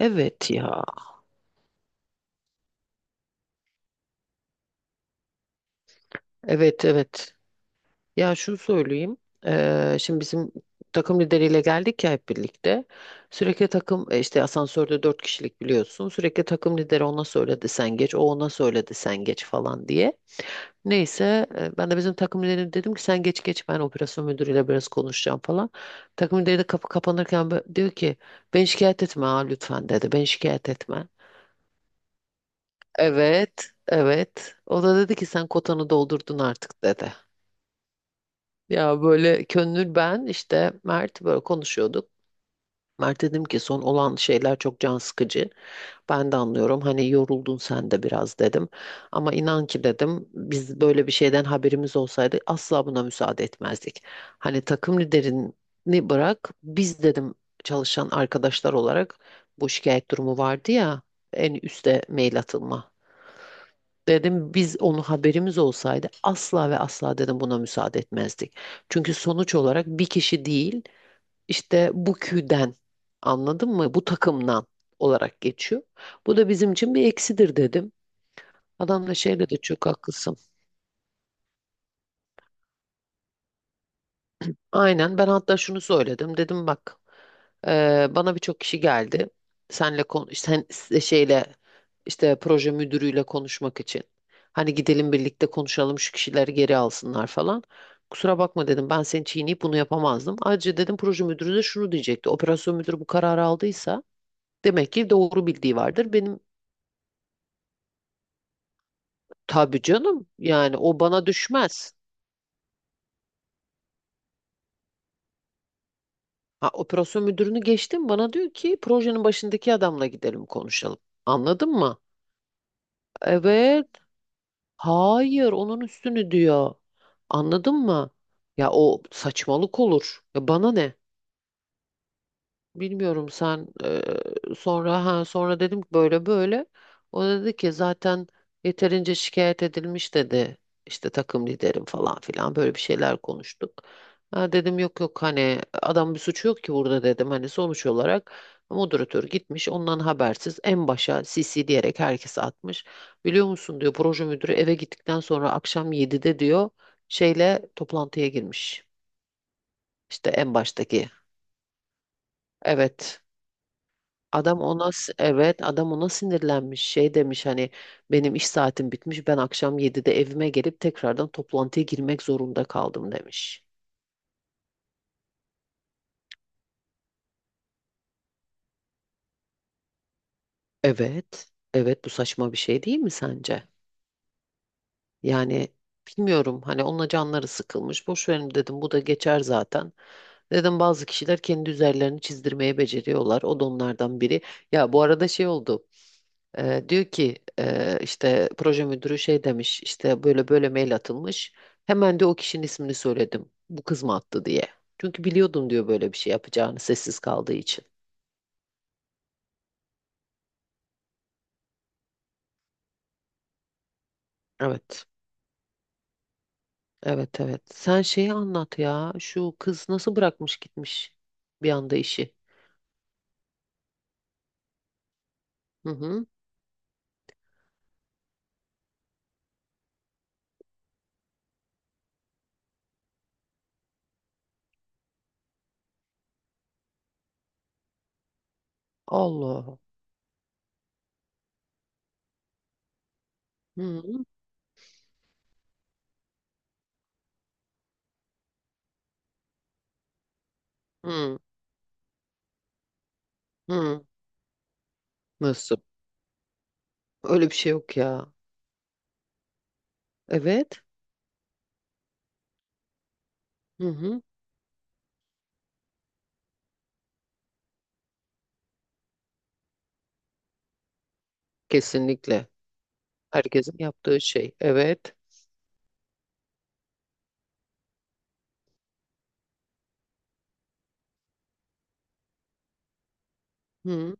Evet ya. Evet evet. Ya şunu söyleyeyim. Şimdi bizim takım lideriyle geldik ya hep birlikte. Sürekli takım işte asansörde dört kişilik biliyorsun. Sürekli takım lideri ona söyledi sen geç. O ona söyledi sen geç falan diye. Neyse ben de bizim takım liderine dedim ki sen geç geç ben operasyon müdürüyle biraz konuşacağım falan. Takım lideri de kapı kapanırken diyor ki ben şikayet etme ha lütfen dedi. Ben şikayet etme. Evet, evet. O da dedi ki sen kotanı doldurdun artık dedi. Ya böyle Könül ben işte Mert böyle konuşuyorduk. Mert dedim ki son olan şeyler çok can sıkıcı. Ben de anlıyorum hani yoruldun sen de biraz dedim. Ama inan ki dedim biz böyle bir şeyden haberimiz olsaydı asla buna müsaade etmezdik. Hani takım liderini bırak biz dedim çalışan arkadaşlar olarak bu şikayet durumu vardı ya en üste mail atılma. Dedim biz onu haberimiz olsaydı asla ve asla dedim buna müsaade etmezdik. Çünkü sonuç olarak bir kişi değil işte bu küden anladın mı? Bu takımdan olarak geçiyor. Bu da bizim için bir eksidir dedim. Adam da şey dedi çok haklısın. Aynen ben hatta şunu söyledim dedim bak bana birçok kişi geldi senle kon sen şeyle işte proje müdürüyle konuşmak için hani gidelim birlikte konuşalım şu kişileri geri alsınlar falan kusura bakma dedim ben seni çiğneyip bunu yapamazdım ayrıca dedim proje müdürü de şunu diyecekti operasyon müdürü bu kararı aldıysa demek ki doğru bildiği vardır benim tabii canım yani o bana düşmez ha, operasyon müdürünü geçtim bana diyor ki projenin başındaki adamla gidelim konuşalım anladın mı? Evet. Hayır, onun üstünü diyor. Anladın mı? Ya o saçmalık olur. Ya bana ne? Bilmiyorum sen sonra ha sonra dedim ki böyle böyle. O da dedi ki zaten yeterince şikayet edilmiş dedi. İşte takım liderim falan filan böyle bir şeyler konuştuk. Ha dedim yok yok hani adam bir suçu yok ki burada dedim. Hani sonuç olarak moderatör gitmiş ondan habersiz en başa CC diyerek herkese atmış. Biliyor musun diyor proje müdürü eve gittikten sonra akşam 7'de diyor şeyle toplantıya girmiş. İşte en baştaki. Evet. Adam ona evet adam ona sinirlenmiş şey demiş hani benim iş saatim bitmiş ben akşam 7'de evime gelip tekrardan toplantıya girmek zorunda kaldım demiş. Evet evet bu saçma bir şey değil mi sence? Yani bilmiyorum hani onunla canları sıkılmış boş verin dedim bu da geçer zaten. Dedim bazı kişiler kendi üzerlerini çizdirmeyi beceriyorlar o da onlardan biri. Ya bu arada şey oldu. Diyor ki işte proje müdürü şey demiş işte böyle böyle mail atılmış. Hemen de o kişinin ismini söyledim. Bu kız mı attı diye. Çünkü biliyordum diyor böyle bir şey yapacağını sessiz kaldığı için. Evet. Evet evet. Sen şeyi anlat ya. Şu kız nasıl bırakmış gitmiş bir anda işi. Hı hı. Allah. Hı hı. Hı hı. Nasıl? Öyle bir şey yok ya. Evet. Hı hı. Kesinlikle. Herkesin yaptığı şey. Evet. Hı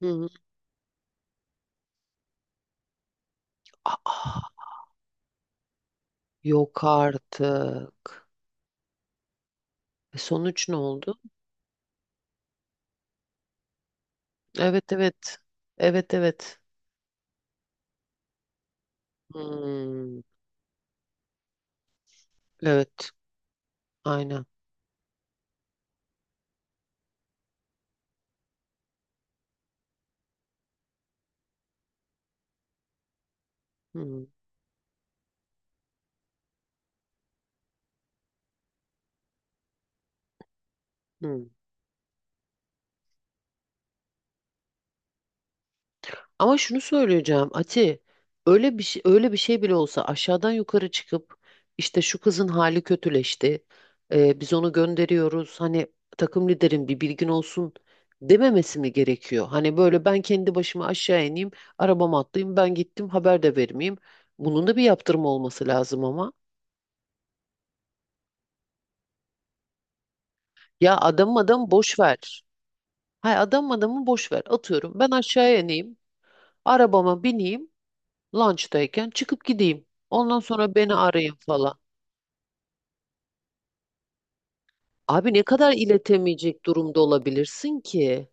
hı. Aa. Yok artık. E, sonuç ne oldu? Evet evet. Evet evet. Hmm, evet. Aynen. Hmm, hmm. Ama şunu söyleyeceğim Ati. Öyle bir şey, öyle bir şey bile olsa aşağıdan yukarı çıkıp işte şu kızın hali kötüleşti. Biz onu gönderiyoruz. Hani takım liderin bir bilgin olsun dememesi mi gerekiyor? Hani böyle ben kendi başıma aşağı ineyim, arabama atlayayım, ben gittim haber de vermeyeyim. Bunun da bir yaptırım olması lazım ama. Ya adam adam boş ver. Hay adam adamı boş ver. Atıyorum ben aşağıya ineyim. Arabama bineyim. Lunch'tayken çıkıp gideyim. Ondan sonra beni arayın falan. Abi ne kadar iletemeyecek durumda olabilirsin ki?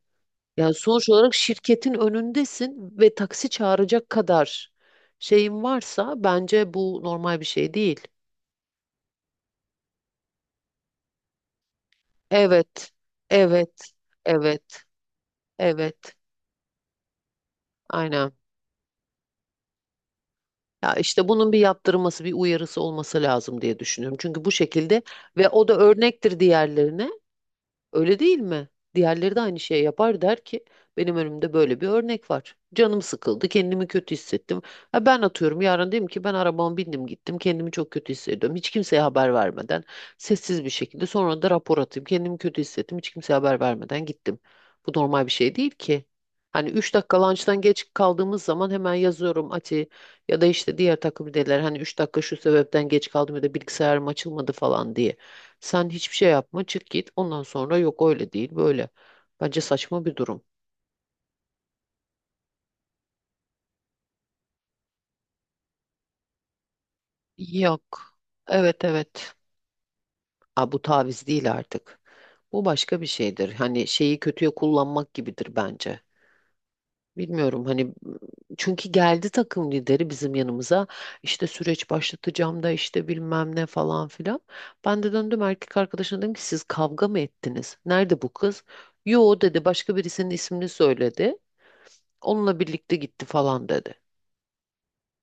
Yani sonuç olarak şirketin önündesin ve taksi çağıracak kadar şeyin varsa bence bu normal bir şey değil. Evet. Evet. Evet. Evet. Aynen. Ya işte bunun bir yaptırılması, bir uyarısı olması lazım diye düşünüyorum. Çünkü bu şekilde ve o da örnektir diğerlerine. Öyle değil mi? Diğerleri de aynı şeyi yapar der ki benim önümde böyle bir örnek var. Canım sıkıldı, kendimi kötü hissettim. Ha ben atıyorum yarın dedim ki ben arabama bindim gittim, kendimi çok kötü hissediyorum. Hiç kimseye haber vermeden sessiz bir şekilde sonra da rapor atayım. Kendimi kötü hissettim, hiç kimseye haber vermeden gittim. Bu normal bir şey değil ki. Hani 3 dakika lunchtan geç kaldığımız zaman hemen yazıyorum Ati ya da işte diğer takım liderler hani 3 dakika şu sebepten geç kaldım ya da bilgisayarım açılmadı falan diye. Sen hiçbir şey yapma, çık git. Ondan sonra yok öyle değil, böyle. Bence saçma bir durum. Yok. Evet evet. Aa, bu taviz değil artık. Bu başka bir şeydir. Hani şeyi kötüye kullanmak gibidir bence. Bilmiyorum hani çünkü geldi takım lideri bizim yanımıza işte süreç başlatacağım da işte bilmem ne falan filan. Ben de döndüm erkek arkadaşına dedim ki siz kavga mı ettiniz? Nerede bu kız? Yo dedi başka birisinin ismini söyledi. Onunla birlikte gitti falan dedi.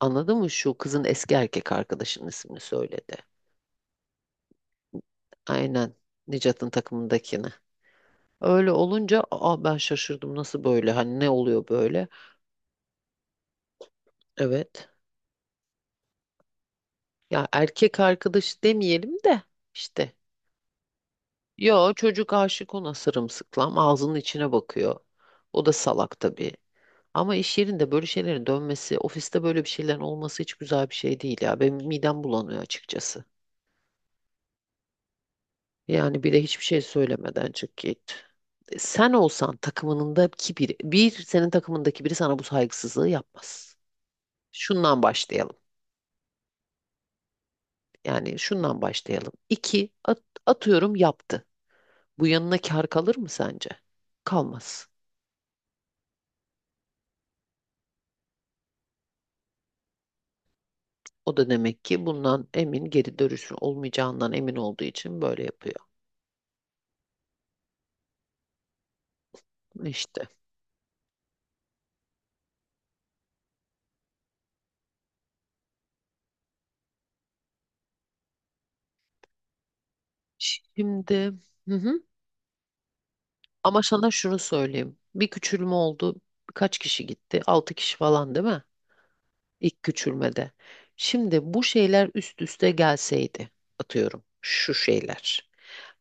Anladın mı? Şu kızın eski erkek arkadaşının ismini söyledi. Aynen. Nicat'ın takımındakini. Öyle olunca aa ben şaşırdım nasıl böyle hani ne oluyor böyle? Evet. Ya erkek arkadaş demeyelim de işte. Yo çocuk aşık ona sırımsıklam ağzının içine bakıyor. O da salak tabii. Ama iş yerinde böyle şeylerin dönmesi, ofiste böyle bir şeylerin olması hiç güzel bir şey değil ya. Benim midem bulanıyor açıkçası. Yani bir de hiçbir şey söylemeden çık git. E, Sen olsan takımındaki biri, bir senin takımındaki biri sana bu saygısızlığı yapmaz. Şundan başlayalım. Yani şundan başlayalım. İki, atıyorum yaptı. Bu yanına kar kalır mı sence? Kalmaz. O da demek ki bundan emin, geri dönüşü olmayacağından emin olduğu için böyle yapıyor. İşte. Şimdi hı hı. Ama sana şunu söyleyeyim. Bir küçülme oldu. Kaç kişi gitti? Altı kişi falan değil mi? İlk küçülmede. Şimdi bu şeyler üst üste gelseydi atıyorum şu şeyler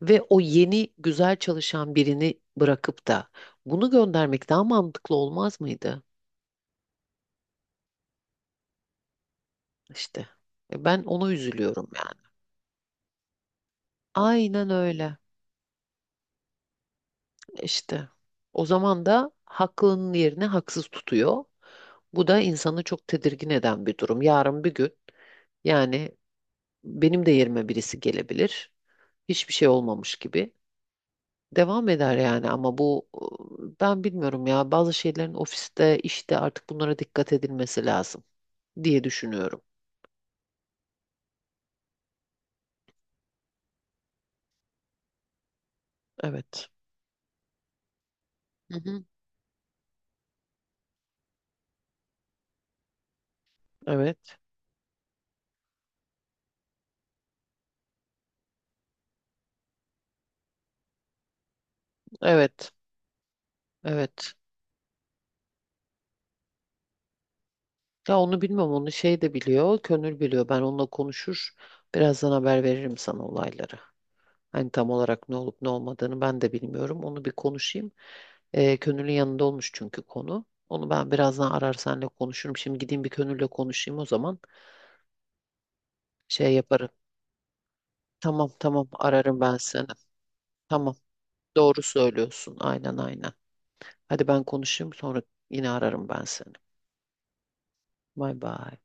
ve o yeni güzel çalışan birini bırakıp da bunu göndermek daha mantıklı olmaz mıydı? İşte ben ona üzülüyorum yani. Aynen öyle. İşte. O zaman da haklının yerine haksız tutuyor. Bu da insanı çok tedirgin eden bir durum. Yarın bir gün yani benim de yerime birisi gelebilir. Hiçbir şey olmamış gibi devam eder yani ama bu ben bilmiyorum ya bazı şeylerin ofiste işte artık bunlara dikkat edilmesi lazım diye düşünüyorum. Evet. Hı hı. Evet. Evet. Evet. Ya onu bilmem onu şey de biliyor, Könül biliyor. Ben onunla konuşur. Birazdan haber veririm sana olayları. Hani tam olarak ne olup ne olmadığını ben de bilmiyorum. Onu bir konuşayım. Könül'ün yanında olmuş çünkü konu. Onu ben birazdan arar senle konuşurum. Şimdi gideyim bir Könül'le konuşayım o zaman. Şey yaparım. Tamam tamam ararım ben seni. Tamam doğru söylüyorsun aynen aynen. Hadi ben konuşayım sonra yine ararım ben seni. Bay bay.